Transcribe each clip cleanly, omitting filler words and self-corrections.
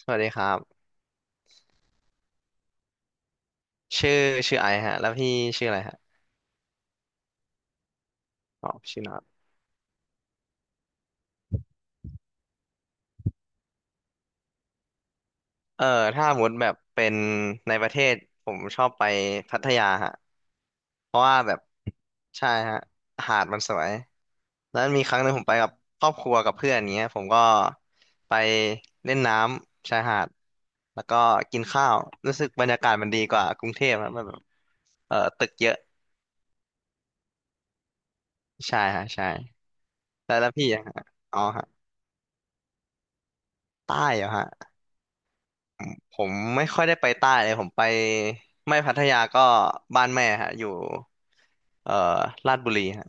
สวัสดีครับชื่อชื่อไอซ์ฮะแล้วพี่ชื่ออะไรฮะอ๋อชื่อน็อตเอ่อถ้าสมมติแบบเป็นในประเทศผมชอบไปพัทยาฮะเพราะว่าแบบใช่ฮะหาดมันสวยแล้วมีครั้งหนึ่งผมไปกับครอบครัวกับเพื่อนอย่างเงี้ยผมก็ไปเล่นน้ำชายหาดแล้วก็กินข้าวรู้สึกบรรยากาศมันดีกว่ากรุงเทพนะมันแบบเออตึกเยอะใช่ฮะใช่แล้วพี่อะฮะอ๋อฮะใต้เหรอฮะ ผมไม่ค่อยได้ไปใต้เลยผมไปไม่พัทยาก็บ้านแม่ฮะอยู่เอ่อลาดบุรีฮะ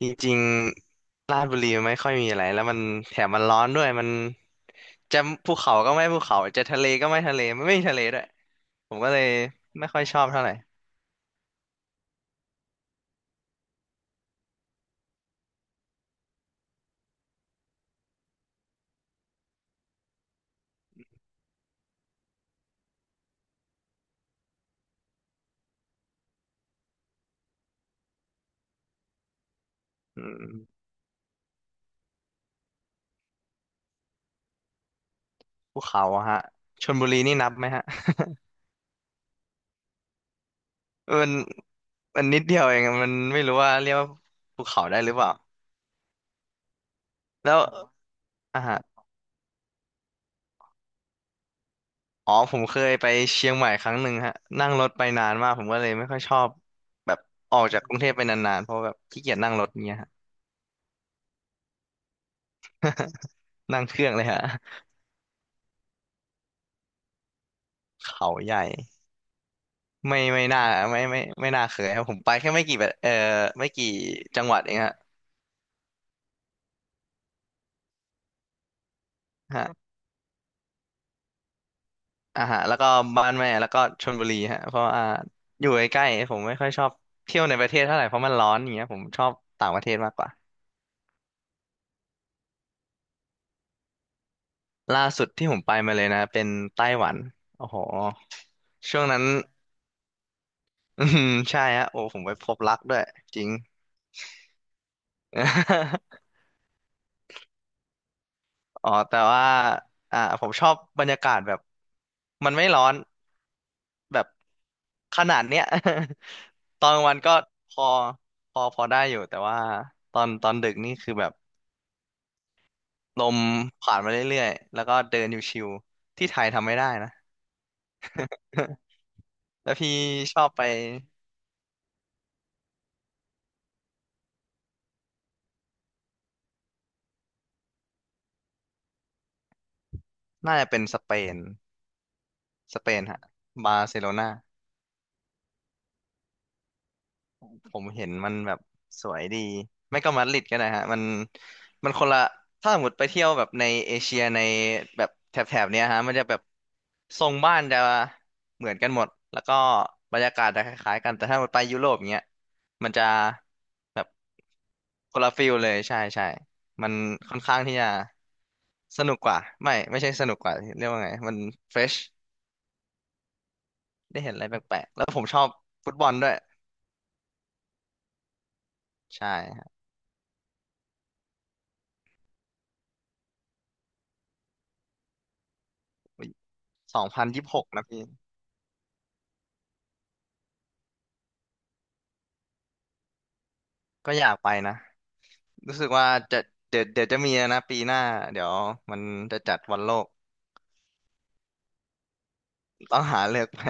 จริงๆลาดบุรีมันไม่ค่อยมีอะไรแล้วมันแถมมันร้อนด้วยมันจะภูเขาก็ไม่ภูเขาจะทะเลก็ไม่ทะเลมันไม่มีทะเลด้วยผมก็เลยไม่ค่อยชอบเท่าไหร่อืมภูเขาอะฮะชลบุรีนี่นับไหมฮะ มันมันนิดเดียวเองอะมันไม่รู้ว่าเรียกว่าภูเขาได้หรือเปล่าแล้วอ่า อ๋อผมเคยไปเชียงใหม่ครั้งหนึ่งฮะนั่งรถไปนานมากผมก็เลยไม่ค่อยชอบแบบออกจากกรุงเทพไปนานๆเพราะแบบขี้เกียจนั่งรถเนี้ยฮะนั่งเครื่องเลยฮะ เขาใหญ่ไม่น่าไม่น่าเคยครับผมไปแค่ไม่กี่แบบเออไม่กี่จังหวัดเองฮะฮะอ่าฮะแล้วก็บ้านแม่แล้วก็ชลบุรีฮะเพราะอยู่ใกล้ๆผมไม่ค่อยชอบเที่ยวในประเทศเท่าไหร่เพราะมันร้อนอย่างเงี้ยผมชอบต่างประเทศมากกว่าล่าสุดที่ผมไปมาเลยนะเป็นไต้หวันโอ้โหช่วงนั้น อืมใช่ฮะโอ้ผมไปพบรักด้วยจริง อ๋อแต่ว่าผมชอบบรรยากาศแบบมันไม่ร้อนแบบขนาดเนี้ย ตอนกลางวันก็พอพอได้อยู่แต่ว่าตอนดึกนี่คือแบบลมผ่านมาเรื่อยๆแล้วก็เดินอยู่ชิวที่ไทยทำไม่ได้นะ แล้วพี่ชอบไปน่าจะเป็นสเปนสเปนฮะบาร์เซโลนา ผมเห็นมันแบบสวยดีไม่ก็มาดริดก็ได้ฮะมันคนละถ้าสมมติไปเที่ยวแบบในเอเชียในแบบแถบๆเนี้ยฮะมันจะแบบทรงบ้านจะเหมือนกันหมดแล้วก็บรรยากาศจะคล้ายๆกันแต่ถ้ามันไปยุโรปเนี้ยมันจะแบบคนละฟิลเลยใช่ใช่มันค่อนข้างที่จะสนุกกว่าไม่ใช่สนุกกว่าเรียกว่าไงมันเฟรชได้เห็นอะไรแปลกๆแล้วผมชอบฟุตบอลด้วยใช่ฮะ2026นะพี่ ก็อยากไปนะรู้สึกว่าจะเดี๋ยวจะมีนะปีหน้าเดี๋ยวมันจะจัดวันโลกต้องหาเลือกไป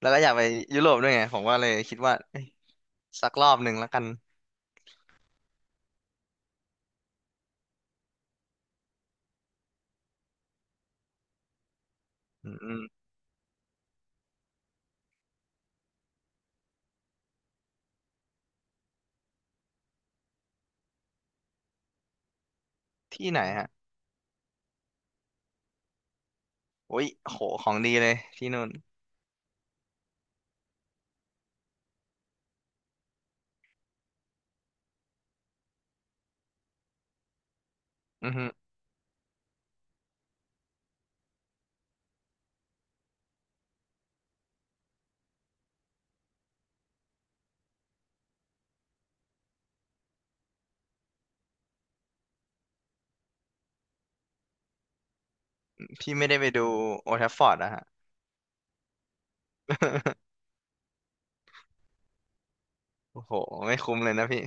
แล้วก็อยากไปยุโรปด้วยไงผมก็เลยคิดว่าเอ้ยสักรอบหนึ่งแล้วกันอืมๆที่ไหนฮะโอ้ยโหของดีเลยที่นู่นอือฮึพี่ไม่ได้ไปดูโอลด์แทฟฟอร์ดอะฮะ โอ้โหไม่คุ้มเลยนะพี่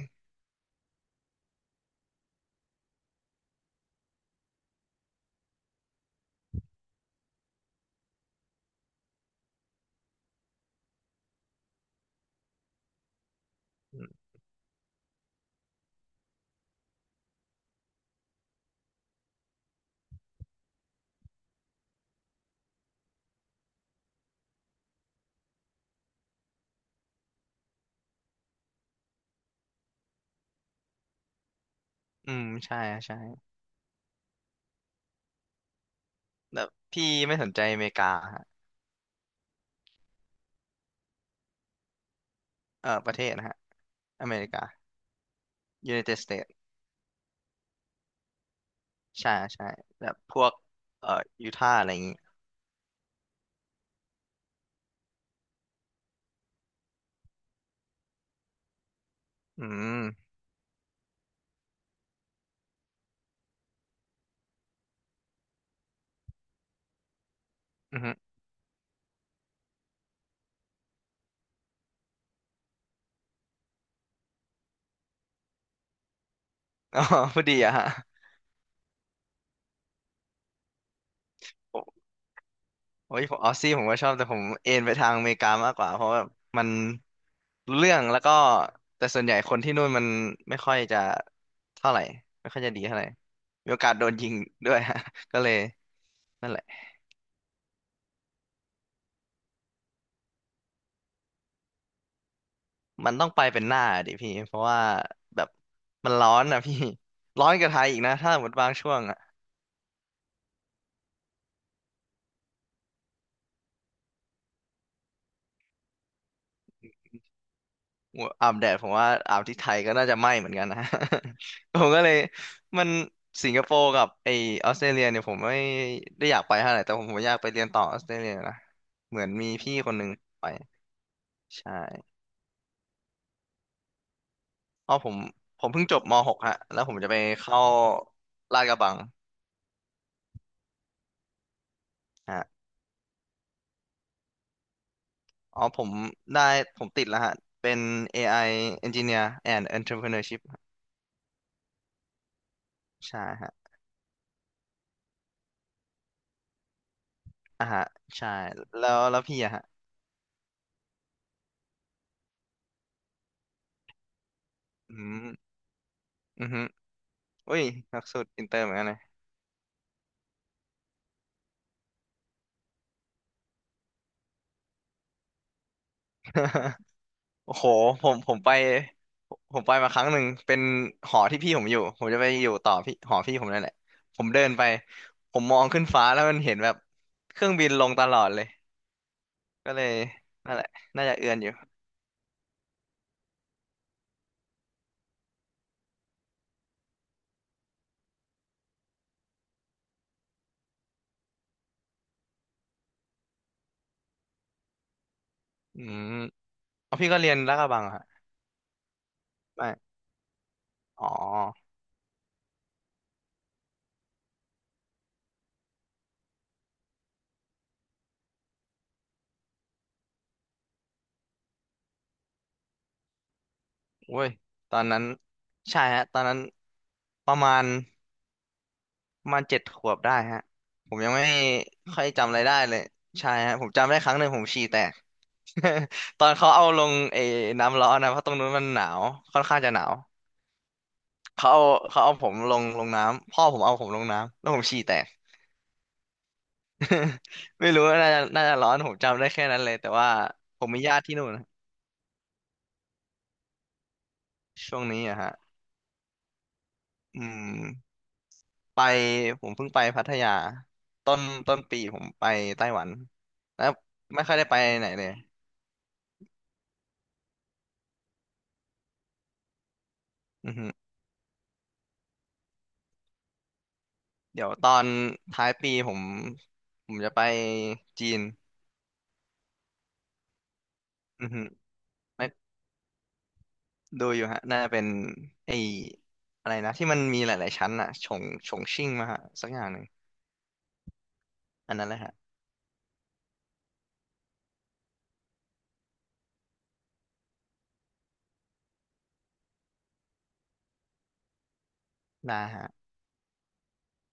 อืมอืมใช่ใช่แบบพี่ไม่สนใจอเมริกาฮะเออประเทศนะฮะอเมริกา United States ใช่ใช่แบบพวกเอ่อยูทาห์อะไรอย่างงี้ อืมอือฮึ อ๋อพอดีอะฮะผมโอ้ยผมออสซี่ผมก็ชอบแต่ผมเอนไปทางอเมริกามากกว่าเพราะว่ามันรู้เรื่องแล้วก็แต่ส่วนใหญ่คนที่นู่นมันไม่ค่อยจะเท่าไหร่ไม่ค่อยจะดีเท่าไหร่มีโอกาสโดนยิงด้วยฮะ ก็เลยนั่นแหละมันต้องไปเป็นหน้าดิพี่เพราะว่าแบบมันร้อนนะพี่ร้อนกว่าไทยอีกนะถ้าหมดบางช่วง อาบแดดผมว่าอาบที่ไทยก็น่าจะไหม้เหมือนกันนะ ผมก็เลยมันสิงคโปร์กับไอออสเตรเลียเนี่ยผมไม่ได้อยากไปเท่าไหร่แต่ผมอยากไปเรียนต่อออสเตรเลียนะเหมือนมีพี่คนหนึ่งไปใช่อ๋อผมเพิ่งจบม .6 ฮะแล้วผมจะไปเข้าลาดกระบังฮะอ๋อผมได้ผมติดแล้วฮะเป็น AI Engineer and Entrepreneurship ฮะใช่ฮะอ่ะฮะใช่แล้วพี่อะฮะอืมอือฮึอุ้ยหลักสูตรอินเตอร์เหมือนกันนะ โอ้โหผมผมไป ผมไปมาครั้งหนึ่ง เป็นหอที่พี่ผมอยู่ ผมจะไปอยู่ต่อพี่หอพี่ผมนั่นแหละ ผมเดินไป ผมมองขึ้นฟ้าแล้วมันเห็นแบบเครื่องบินลงตลอดเลย ก็เลยนั่นแหละน่าจะเอือนอยู่อืมเอาพี่ก็เรียนลาดกระบังเหรอฮะไม่อ๋อเว้ยตอนนั้นใช่ฮะตอนนั้นประมาณ ประมาณ7 ขวบได้ฮะผมยังไม่ค่อยจำอะไรได้เลยใช่ฮะผมจำได้ครั้งหนึ่งผมฉี่แตก ตอนเขาเอาลงไอ้น้ำร้อนนะเพราะตรงนู้นมันหนาวค่อนข้างจะหนาวเขาเอาเขาเอาผมลงน้ำพ่อผมเอาผมลงน้ำแล้วผมฉี่แตก ไม่รู้ว่าน่าจะน่าจะร้อนผมจำได้แค่นั้นเลยแต่ว่าผมมีญาติที่นู่นนะช่วงนี้อะฮะอืมไปผมเพิ่งไปพัทยาต้นต้นปีผมไปไต้หวันแล้วไม่ค่อยได้ไปไหนเลยอือฮึ เดี๋ยวตอนท้ายปีผมจะไปจีนอือฮึไม่ดูอยู่ฮะน่าจะเป็นไอ้อะไรนะที่มันมีหลายๆชั้นอะฉงชิ่งมาฮะสักอย่างหนึ่งอันนั้นแหละฮะได้ฮะ